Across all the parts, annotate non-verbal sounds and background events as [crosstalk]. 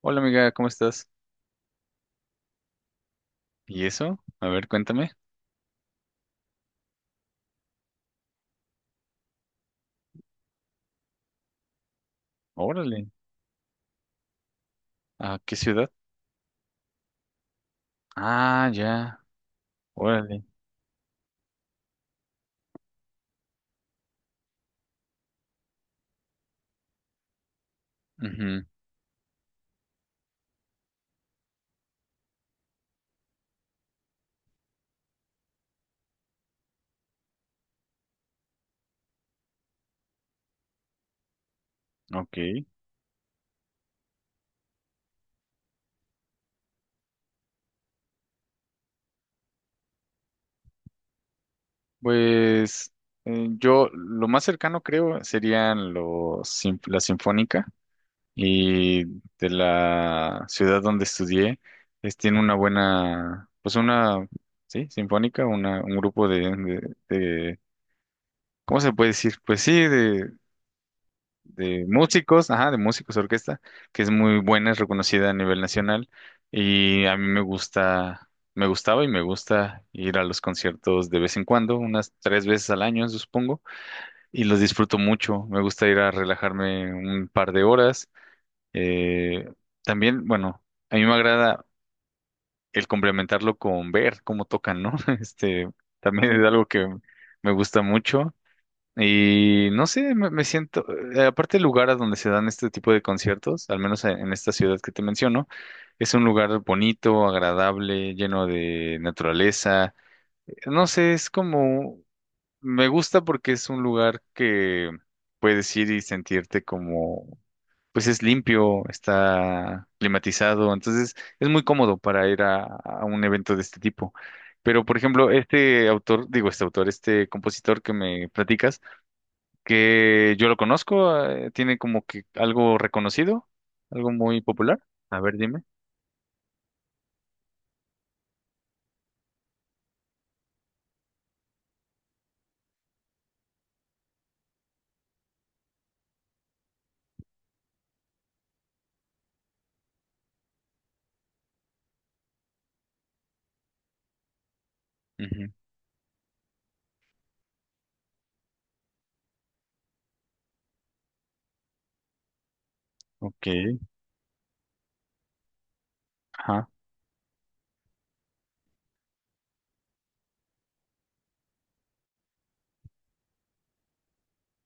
Hola amiga, ¿cómo estás? ¿Y eso? A ver, cuéntame. Órale. ¿A qué ciudad? Ah, ya. Órale. Ujú, ok. Pues yo lo más cercano creo serían los, sin- la Sinfónica y de la ciudad donde estudié, es, tiene una buena, pues una, sí, Sinfónica, una, un grupo de, de, de- ¿cómo se puede decir? Pues sí, de músicos, ajá, de músicos de orquesta, que es muy buena, es reconocida a nivel nacional y a mí me gusta, me gustaba y me gusta ir a los conciertos de vez en cuando, unas tres veces al año, supongo, y los disfruto mucho. Me gusta ir a relajarme un par de horas. Eh, también, bueno, a mí me agrada el complementarlo con ver cómo tocan, ¿no? [laughs] Este, también es algo que me gusta mucho. Y no sé, me siento, aparte el lugar a donde se dan este tipo de conciertos, al menos en esta ciudad que te menciono, es un lugar bonito, agradable, lleno de naturaleza. No sé, es como, me gusta porque es un lugar que puedes ir y sentirte como, pues es limpio, está climatizado, entonces es muy cómodo para ir a un evento de este tipo. Pero, por ejemplo, este autor, digo, este autor, este compositor que me platicas, que yo lo conozco, tiene como que algo reconocido, algo muy popular. A ver, dime. Ujú, Ok, ajá.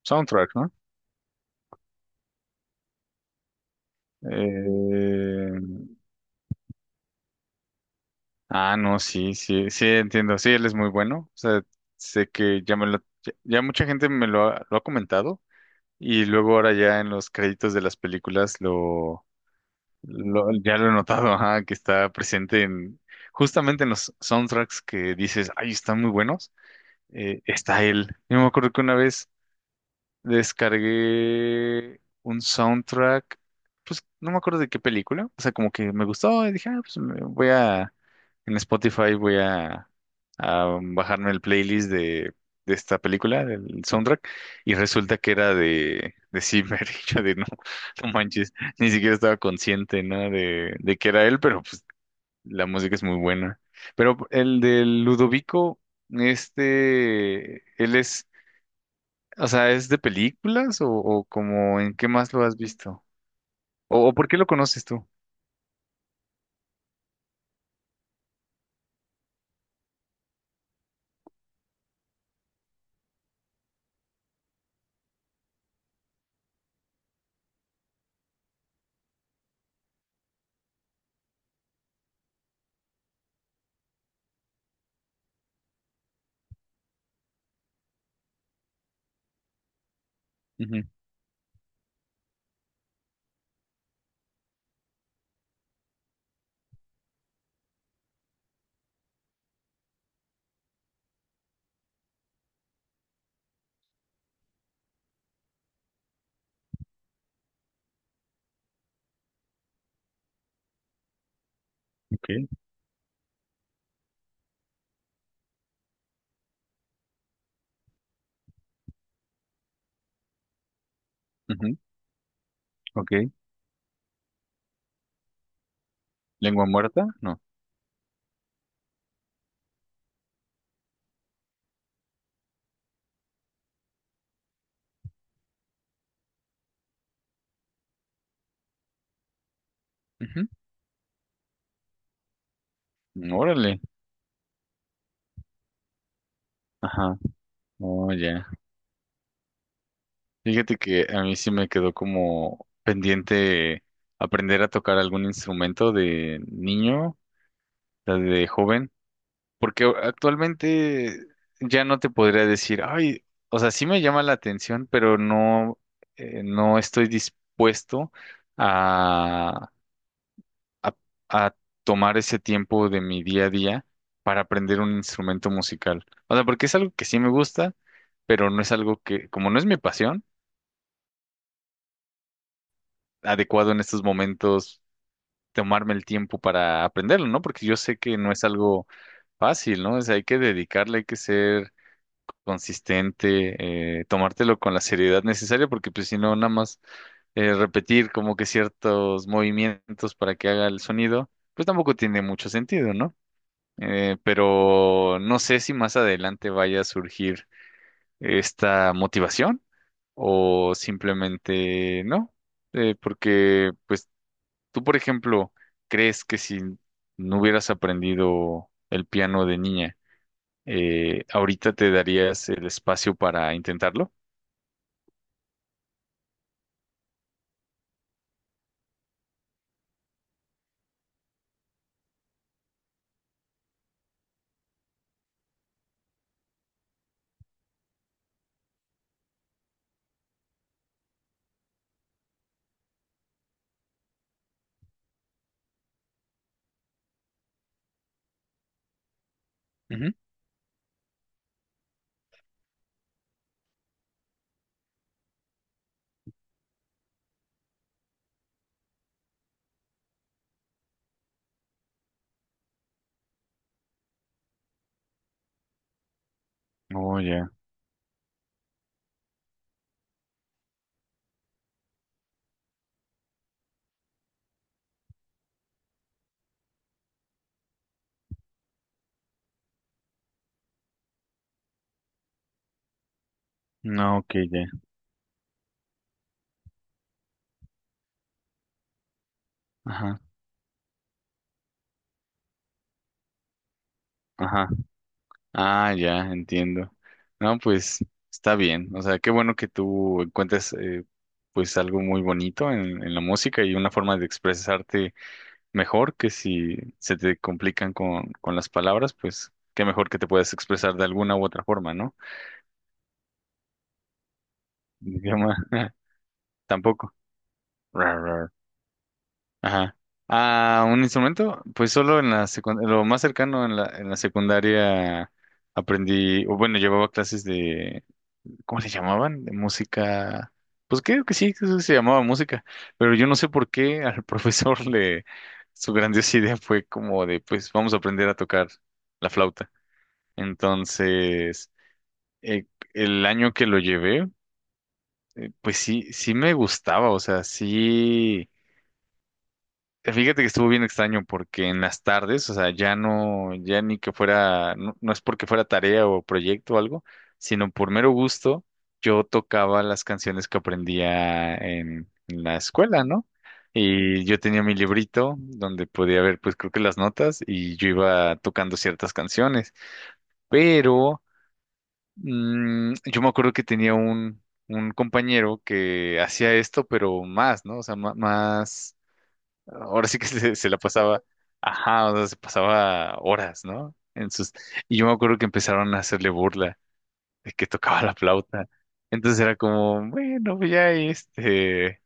Soundtrack, ¿no? Eh, ah, no, sí, sí, sí, entiendo. Sí, él es muy bueno. O sea, sé que ya me lo, ya, ya mucha gente me lo ha comentado y luego ahora ya en los créditos de las películas lo ya lo he notado, ajá, que está presente en justamente en los soundtracks que dices, ay, están muy buenos. Está él. Yo me acuerdo que una vez descargué un soundtrack, pues no me acuerdo de qué película, o sea, como que me gustó y dije, ah, pues me voy a, en Spotify voy a bajarme el playlist de esta película, del soundtrack, y resulta que era de Zimmer, [laughs] y yo de no, no manches, ni siquiera estaba consciente, ¿no? De que era él, pero pues la música es muy buena. Pero el de Ludovico... Este, él es o sea, ¿es de películas o como en qué más lo has visto? O por qué lo conoces tú? Ujú, ok, ujú, ok. ¿Lengua muerta? No. Ujú, órale. Ajá. Oh, ya. Fíjate que a mí sí me quedó como pendiente aprender a tocar algún instrumento de niño, o sea, de joven, porque actualmente ya no te podría decir, ay, o sea, sí me llama la atención, pero no, no estoy dispuesto a, a tomar ese tiempo de mi día a día para aprender un instrumento musical. O sea, porque es algo que sí me gusta, pero no es algo que, como no es mi pasión, adecuado en estos momentos tomarme el tiempo para aprenderlo, ¿no? Porque yo sé que no es algo fácil, ¿no? O sea, hay que dedicarle, hay que ser consistente, tomártelo con la seriedad necesaria, porque pues si no, nada más repetir como que ciertos movimientos para que haga el sonido, pues tampoco tiene mucho sentido, ¿no? Pero no sé si más adelante vaya a surgir esta motivación o simplemente no. Porque pues tú, por ejemplo, crees que si no hubieras aprendido el piano de niña, ahorita te darías el espacio para intentarlo. Ujú. Oh, ya. No, ok, ya. Ajá, ajá. Ah, ya, entiendo. No, pues está bien. O sea, qué bueno que tú encuentres pues algo muy bonito en la música y una forma de expresarte mejor que si se te complican con las palabras, pues qué mejor que te puedas expresar de alguna u otra forma, ¿no? Idioma, [laughs] tampoco. Rar, rar. Ajá. Ah, un instrumento, pues solo en la secundaria, lo más cercano en la secundaria aprendí, o bueno, llevaba clases ¿cómo se llamaban? De música. Pues creo que sí, creo que se llamaba música, pero yo no sé por qué al [laughs] profesor le, su grandiosa idea fue como de, pues vamos a aprender a tocar la flauta. Entonces, eh, el año que lo llevé, pues sí, sí me gustaba, o sea, sí. Fíjate que estuvo bien extraño porque en las tardes, o sea, ya no, ya ni que fuera, no, no es porque fuera tarea o proyecto o algo, sino por mero gusto, yo tocaba las canciones que aprendía en la escuela, ¿no? Y yo tenía mi librito donde podía ver, pues creo que las notas y yo iba tocando ciertas canciones, pero yo me acuerdo que tenía un compañero que hacía esto, pero más, ¿no? O sea, ma- más ahora sí que se la pasaba, ajá, o sea, se pasaba horas, ¿no? En sus, y yo me acuerdo que empezaron a hacerle burla de que tocaba la flauta. Entonces era como, bueno, pues ya este,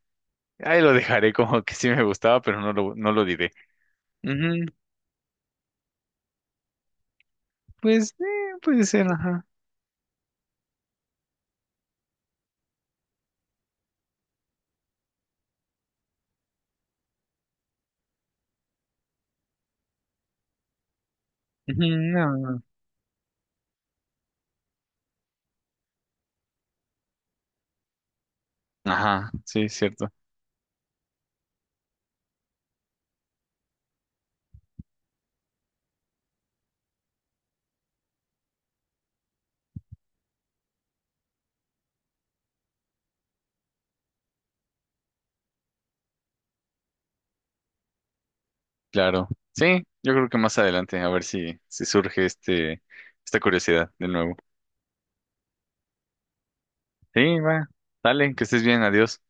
ahí lo dejaré como que sí me gustaba, pero no lo, no lo diré. Ujú, pues, puede ser, ajá. Ujú, no. no, no". Ajá, sí, cierto, claro. Sí, yo creo que más adelante, a ver si, si surge este, esta curiosidad de nuevo. Sí, va, dale, que estés bien, adiós.